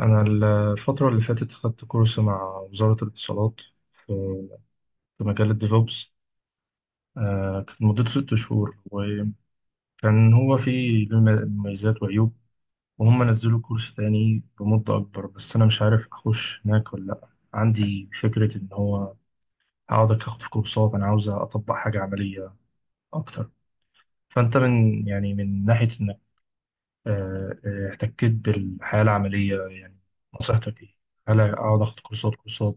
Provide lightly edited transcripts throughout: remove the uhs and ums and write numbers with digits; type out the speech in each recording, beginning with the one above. أنا الفترة اللي فاتت خدت كورس مع وزارة الاتصالات في في مجال الديفوبس. كانت مدته 6 شهور. وكان هو فيه له مميزات وعيوب. وهم نزلوا كورس تاني بمدة أكبر، بس أنا مش عارف أخش هناك ولا لأ. عندي فكرة إن هو هقعد أخد في كورسات. أنا عاوز أطبق حاجة عملية أكتر. فأنت من، يعني من ناحية إنك احتكيت بالحياة العملية، يعني نصيحتك إيه؟ هل أقعد أخد كورسات كورسات؟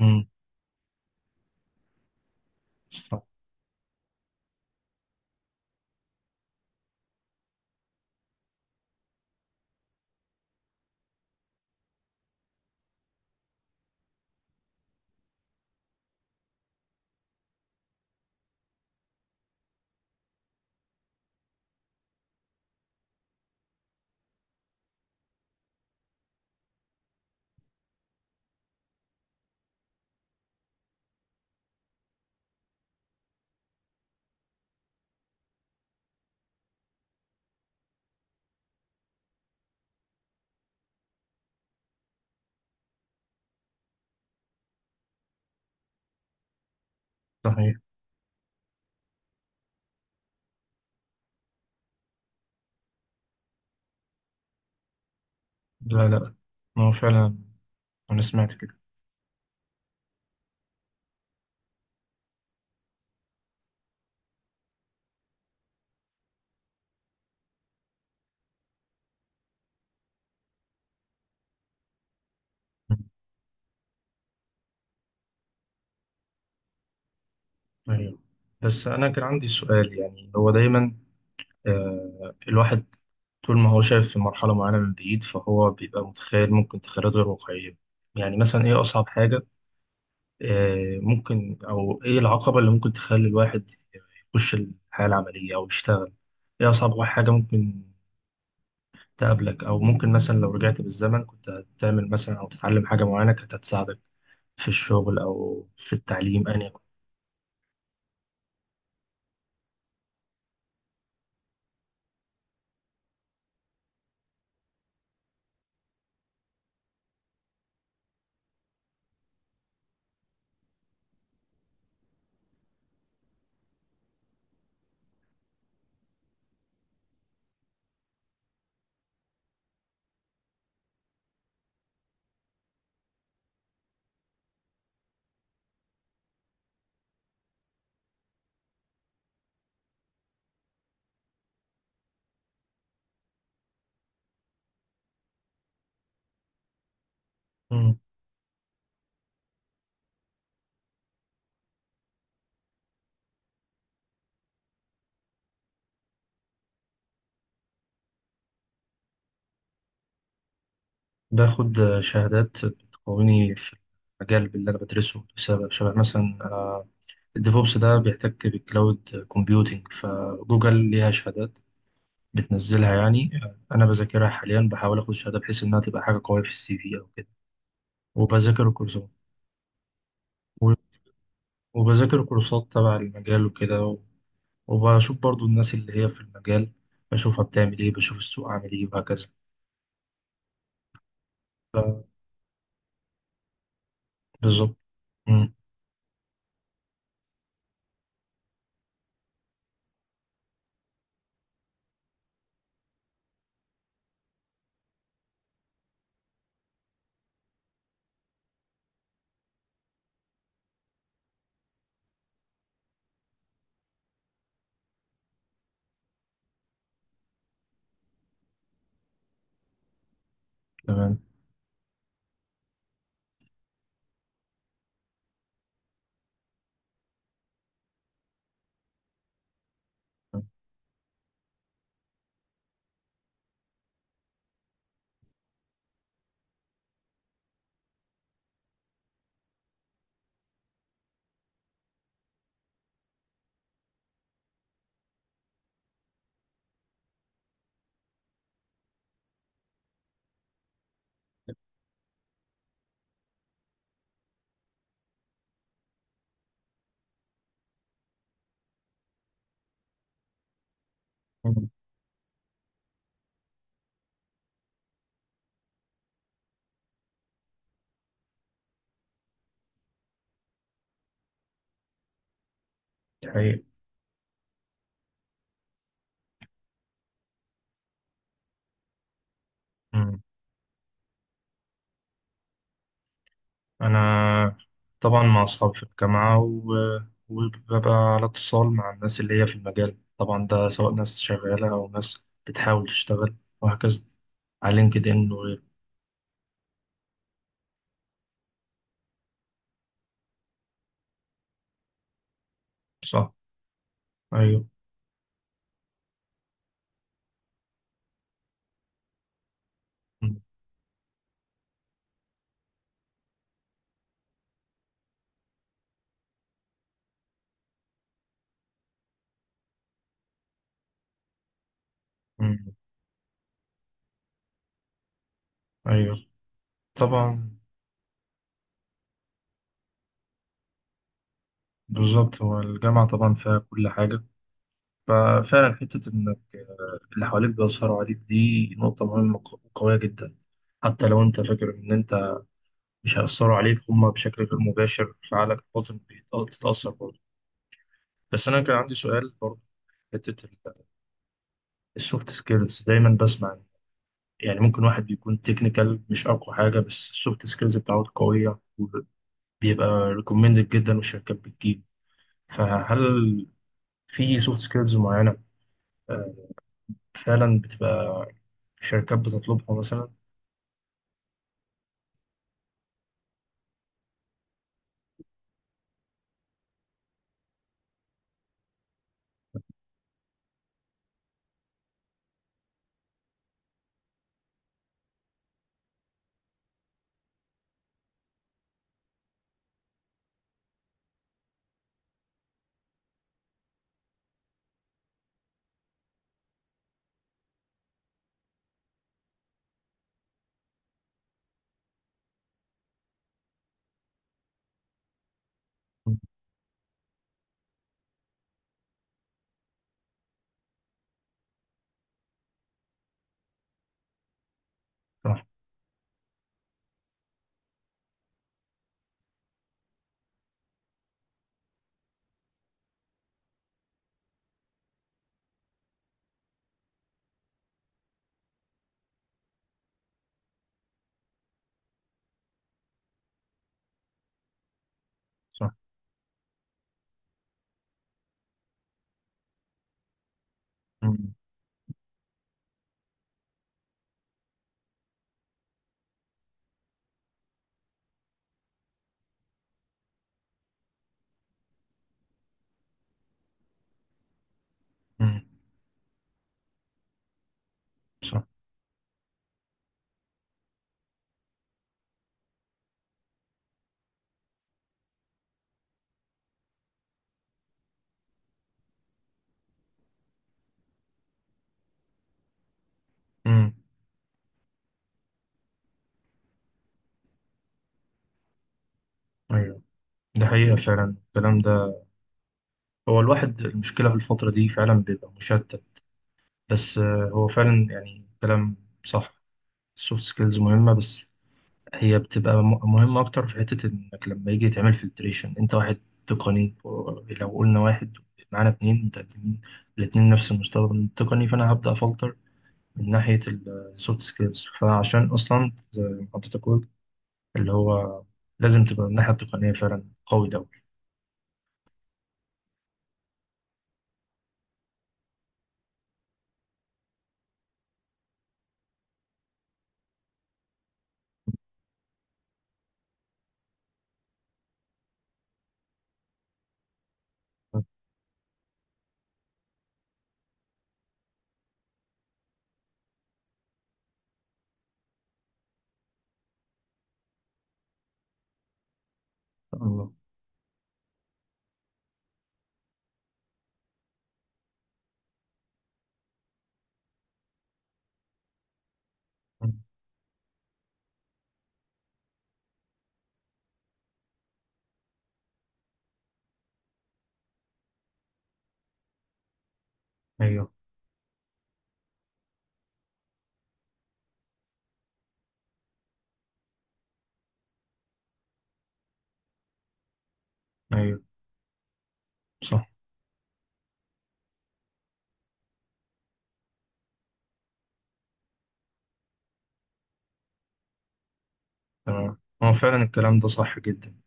مم. صحيح. لا لا. ما هو فعلا. أنا سمعت كده. أيوه. بس أنا كان عندي سؤال. يعني هو دايما، الواحد طول ما هو شايف في مرحلة معينة من بعيد فهو بيبقى متخيل، ممكن تخيلات غير واقعية. يعني مثلا إيه أصعب حاجة، ممكن، أو إيه العقبة اللي ممكن تخلي الواحد يخش الحياة العملية أو يشتغل. إيه أصعب حاجة ممكن تقابلك، او ممكن مثلا لو رجعت بالزمن كنت هتعمل مثلا او تتعلم حاجه معينه كانت هتساعدك في الشغل او في التعليم، ان يكن. مم. باخد شهادات بتقويني في المجال اللي انا بدرسه، بسبب شبه مثلا الديفوبس ده بيحتك بالكلاود كومبيوتينج، فجوجل ليها شهادات بتنزلها، يعني انا بذاكرها حاليا، بحاول اخد شهاده بحيث انها تبقى حاجه قويه في الـCV او كده. وبذاكر الكورسات و- وبذاكر كورسات تبع المجال وكده. وبشوف برضو الناس اللي هي في المجال، بشوفها بتعمل ايه، بشوف السوق عامل ايه، وهكذا. ف- بالظبط. مم. تمام. مم. دي حقيقة. مم. أنا طبعا مع أصحابي في الجامعة وببقى على اتصال مع الناس اللي هي في المجال، طبعا ده سواء ناس شغالة أو ناس بتحاول تشتغل وهكذا، على لينكد إن وغيره. صح. أيوه. مم. مم. أيوه. طبعا. بالظبط. هو الجامعة طبعا فيها كل حاجة. ففعلا حتة إنك اللي حواليك بيأثروا عليك، دي نقطة مهمة وقوية جدا. حتى لو أنت فاكر إن أنت مش هيأثروا عليك، هما بشكل غير مباشر فعلك الباطن بيتأثر برضه. بس أنا كان عندي سؤال برضه. في حتة السوفت سكيلز، دايما بسمع. يعني ممكن واحد بيكون تكنيكال مش أقوى حاجة، بس السوفت سكيلز بتاعته قوية، وبيبقى ريكومندد جدا، والشركات بتجيب. فهل في سوفت سكيلز معينة آه، فعلا بتبقى شركات بتطلبها مثلا؟ صح. صح. مم. مم. صح. مم. ايوه. ده حقيقة فعلا الكلام ده. هو الواحد، المشكلة في الفترة دي فعلا بيبقى مشتت. بس هو فعلا يعني كلام صح. السوفت سكيلز مهمة، بس هي بتبقى مهمة أكتر في حتة إنك لما يجي تعمل فلتريشن أنت واحد تقني، لو قلنا واحد معانا 2 متقدمين، الاتنين نفس المستوى التقني، فأنا هبدأ أفلتر من ناحية السوفت سكيلز. فعشان أصلا زي ما حضرتك قلت، اللي هو لازم تبقى من الناحية التقنية فعلا قوي ده. الله. أمم. أيوه. أيوه. صح. تمام. هو فعلا الكلام ده صح جدا.